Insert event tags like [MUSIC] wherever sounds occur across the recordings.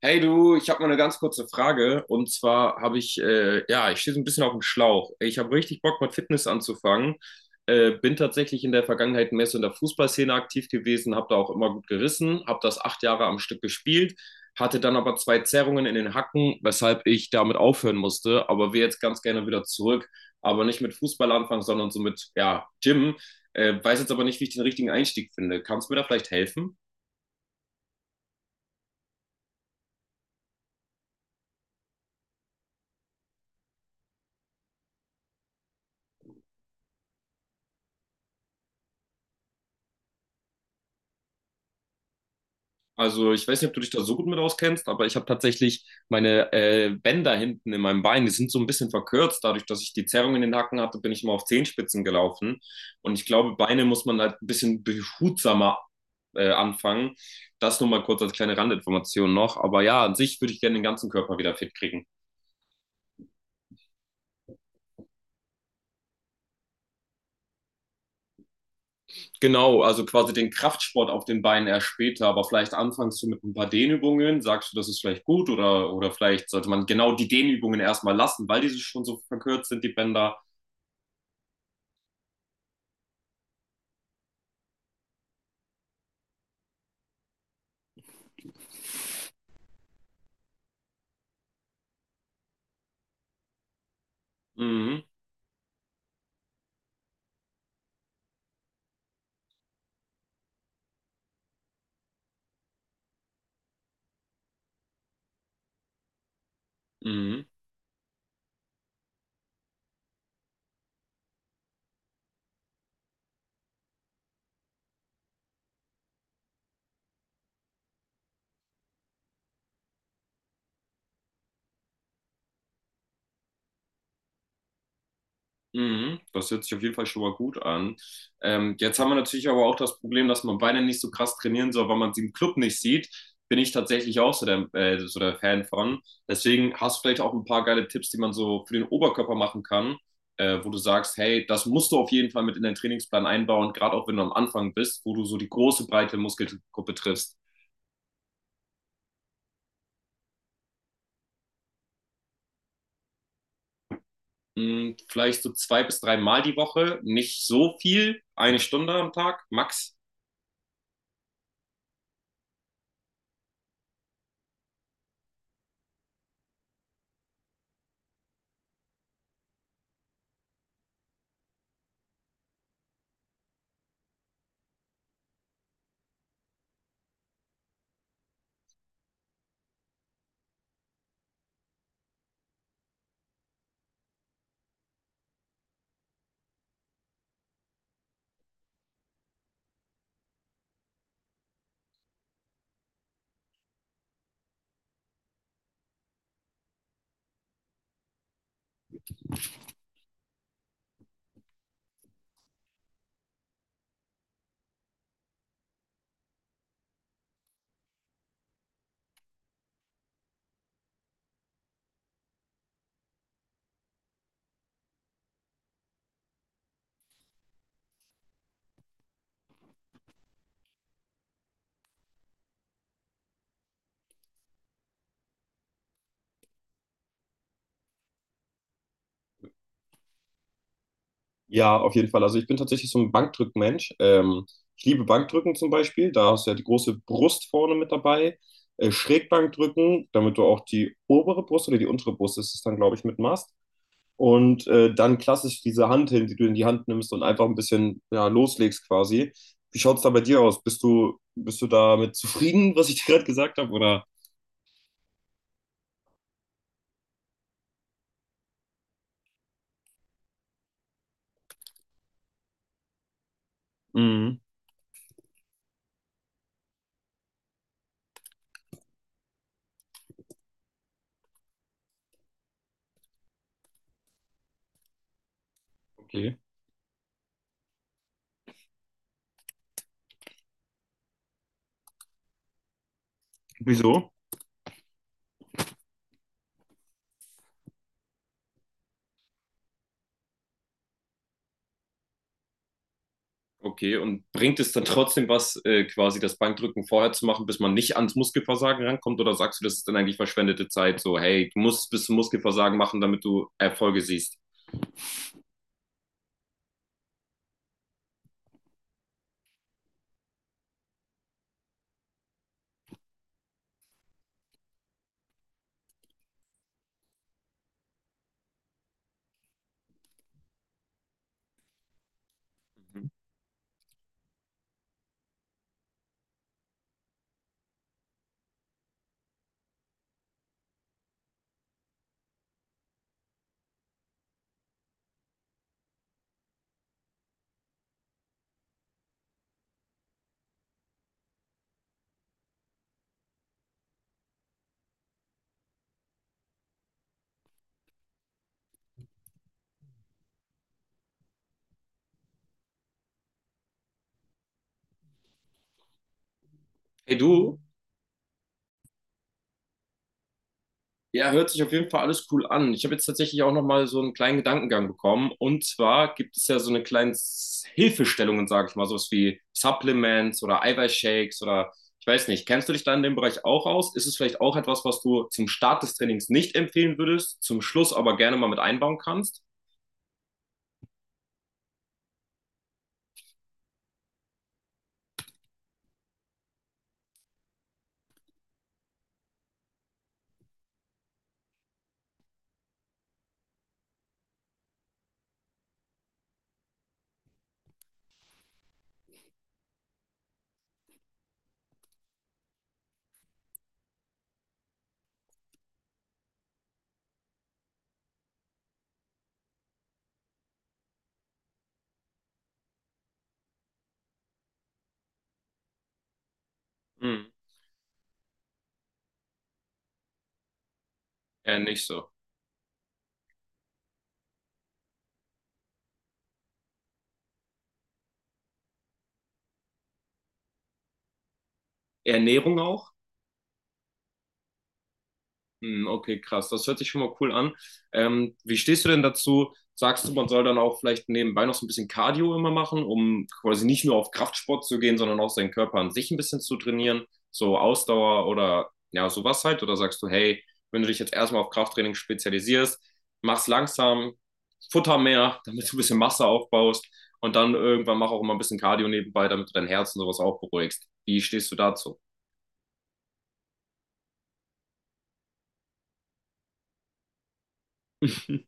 Hey du, ich habe mal eine ganz kurze Frage. Und zwar habe ich, ja, ich stehe so ein bisschen auf dem Schlauch. Ich habe richtig Bock, mit Fitness anzufangen. Bin tatsächlich in der Vergangenheit mehr so in der Fußballszene aktiv gewesen, habe da auch immer gut gerissen, habe das 8 Jahre am Stück gespielt, hatte dann aber zwei Zerrungen in den Hacken, weshalb ich damit aufhören musste. Aber will jetzt ganz gerne wieder zurück, aber nicht mit Fußball anfangen, sondern so mit, ja, Gym. Weiß jetzt aber nicht, wie ich den richtigen Einstieg finde. Kannst du mir da vielleicht helfen? Also ich weiß nicht, ob du dich da so gut mit auskennst, aber ich habe tatsächlich meine Bänder hinten in meinem Bein, die sind so ein bisschen verkürzt. Dadurch, dass ich die Zerrung in den Hacken hatte, bin ich immer auf Zehenspitzen gelaufen. Und ich glaube, Beine muss man halt ein bisschen behutsamer anfangen. Das nur mal kurz als kleine Randinformation noch. Aber ja, an sich würde ich gerne den ganzen Körper wieder fit kriegen. Genau, also quasi den Kraftsport auf den Beinen erst später, aber vielleicht anfängst du mit ein paar Dehnübungen, sagst du, das ist vielleicht gut oder vielleicht sollte man genau die Dehnübungen erstmal lassen, weil diese schon so verkürzt sind, die Bänder. Mhm. Mhm. Mhm, das hört sich auf jeden Fall schon mal gut an. Jetzt haben wir natürlich aber auch das Problem, dass man Beine nicht so krass trainieren soll, weil man sie im Club nicht sieht. Bin ich tatsächlich auch so der Fan von. Deswegen hast du vielleicht auch ein paar geile Tipps, die man so für den Oberkörper machen kann, wo du sagst, hey, das musst du auf jeden Fall mit in deinen Trainingsplan einbauen, gerade auch wenn du am Anfang bist, wo du so die große, breite Muskelgruppe triffst. Mhm, vielleicht so zwei bis drei Mal die Woche, nicht so viel, eine Stunde am Tag, max. Ja, auf jeden Fall. Also ich bin tatsächlich so ein Bankdrückmensch. Ich liebe Bankdrücken zum Beispiel. Da hast du ja die große Brust vorne mit dabei. Schrägbankdrücken, damit du auch die obere Brust oder die untere Brust ist es dann, glaube ich, mit machst. Und dann klassisch diese Hanteln, die du in die Hand nimmst und einfach ein bisschen ja, loslegst quasi. Wie schaut es da bei dir aus? Bist du damit zufrieden, was ich [LAUGHS] dir gerade gesagt habe? Oder? Mhm. Okay. Wieso? Okay, und bringt es dann trotzdem was, quasi das Bankdrücken vorher zu machen, bis man nicht ans Muskelversagen rankommt? Oder sagst du, das ist dann eigentlich verschwendete Zeit? So, hey, du musst es bis zum Muskelversagen machen, damit du Erfolge siehst. Mhm. Hey, du. Ja, hört sich auf jeden Fall alles cool an. Ich habe jetzt tatsächlich auch nochmal so einen kleinen Gedankengang bekommen. Und zwar gibt es ja so eine kleine Hilfestellungen, sage ich mal, sowas wie Supplements oder Eiweißshakes oder ich weiß nicht. Kennst du dich da in dem Bereich auch aus? Ist es vielleicht auch etwas, was du zum Start des Trainings nicht empfehlen würdest, zum Schluss aber gerne mal mit einbauen kannst? Hm. Eher nicht so. Ernährung auch? Hm. Okay, krass. Das hört sich schon mal cool an. Wie stehst du denn dazu? Sagst du, man soll dann auch vielleicht nebenbei noch so ein bisschen Cardio immer machen, um quasi nicht nur auf Kraftsport zu gehen, sondern auch seinen Körper an sich ein bisschen zu trainieren, so Ausdauer oder ja, sowas halt? Oder sagst du, hey, wenn du dich jetzt erstmal auf Krafttraining spezialisierst, mach's langsam, futter mehr, [LAUGHS] damit du ein bisschen Masse aufbaust und dann irgendwann mach auch immer ein bisschen Cardio nebenbei, damit du dein Herz und sowas auch beruhigst. Wie stehst du dazu? [LAUGHS]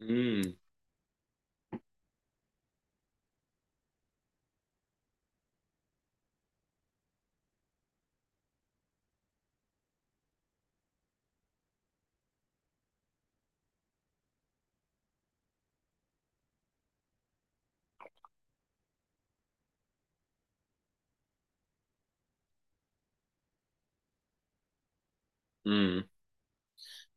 Mm, mm.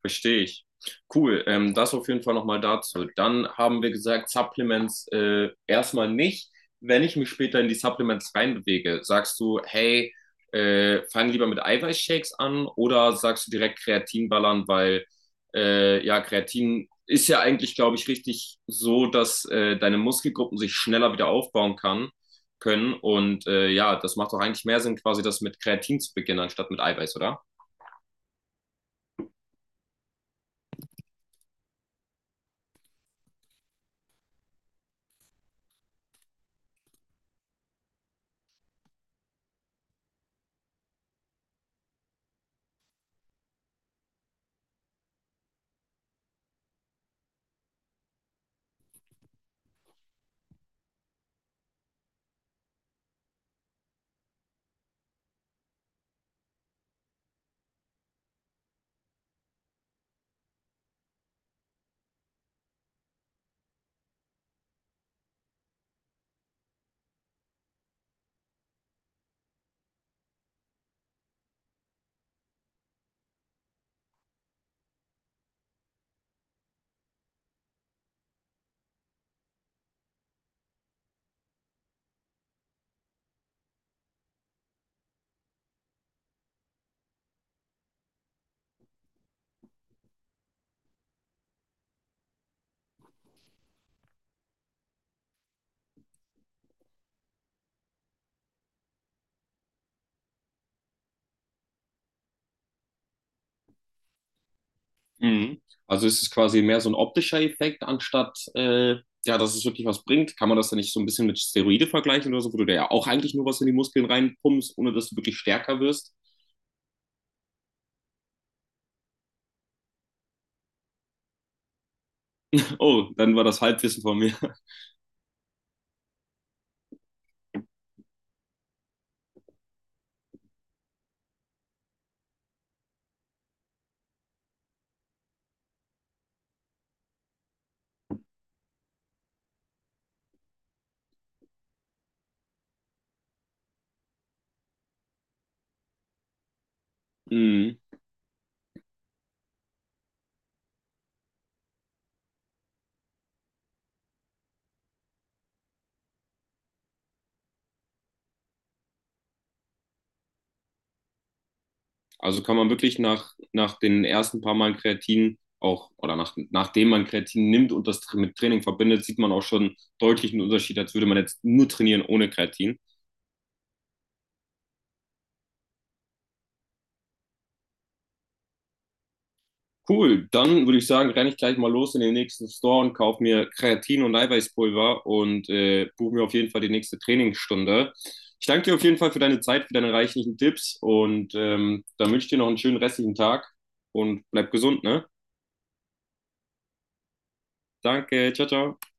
Verstehe ich. Cool, das auf jeden Fall nochmal dazu. Dann haben wir gesagt, Supplements erstmal nicht. Wenn ich mich später in die Supplements reinbewege, sagst du, hey, fang lieber mit Eiweißshakes an oder sagst du direkt Kreatin ballern, weil ja, Kreatin ist ja eigentlich, glaube ich, richtig so, dass deine Muskelgruppen sich schneller wieder aufbauen kann, können. Und ja, das macht doch eigentlich mehr Sinn, quasi das mit Kreatin zu beginnen, anstatt mit Eiweiß, oder? Mhm. Also ist es quasi mehr so ein optischer Effekt, anstatt ja, dass es wirklich was bringt. Kann man das dann nicht so ein bisschen mit Steroide vergleichen oder so, wo du dir ja auch eigentlich nur was in die Muskeln reinpumpst, ohne dass du wirklich stärker wirst? Oh, dann war das Halbwissen von mir. [LAUGHS] Mhm. Also kann man wirklich nach den ersten paar Mal Kreatin auch, oder nachdem man Kreatin nimmt und das mit Training verbindet, sieht man auch schon deutlichen Unterschied, als würde man jetzt nur trainieren ohne Kreatin. Cool, dann würde ich sagen, renne ich gleich mal los in den nächsten Store und kaufe mir Kreatin und Eiweißpulver und buche mir auf jeden Fall die nächste Trainingsstunde. Ich danke dir auf jeden Fall für deine Zeit, für deine reichlichen Tipps und dann wünsche ich dir noch einen schönen restlichen Tag und bleib gesund, ne? Danke, ciao, ciao.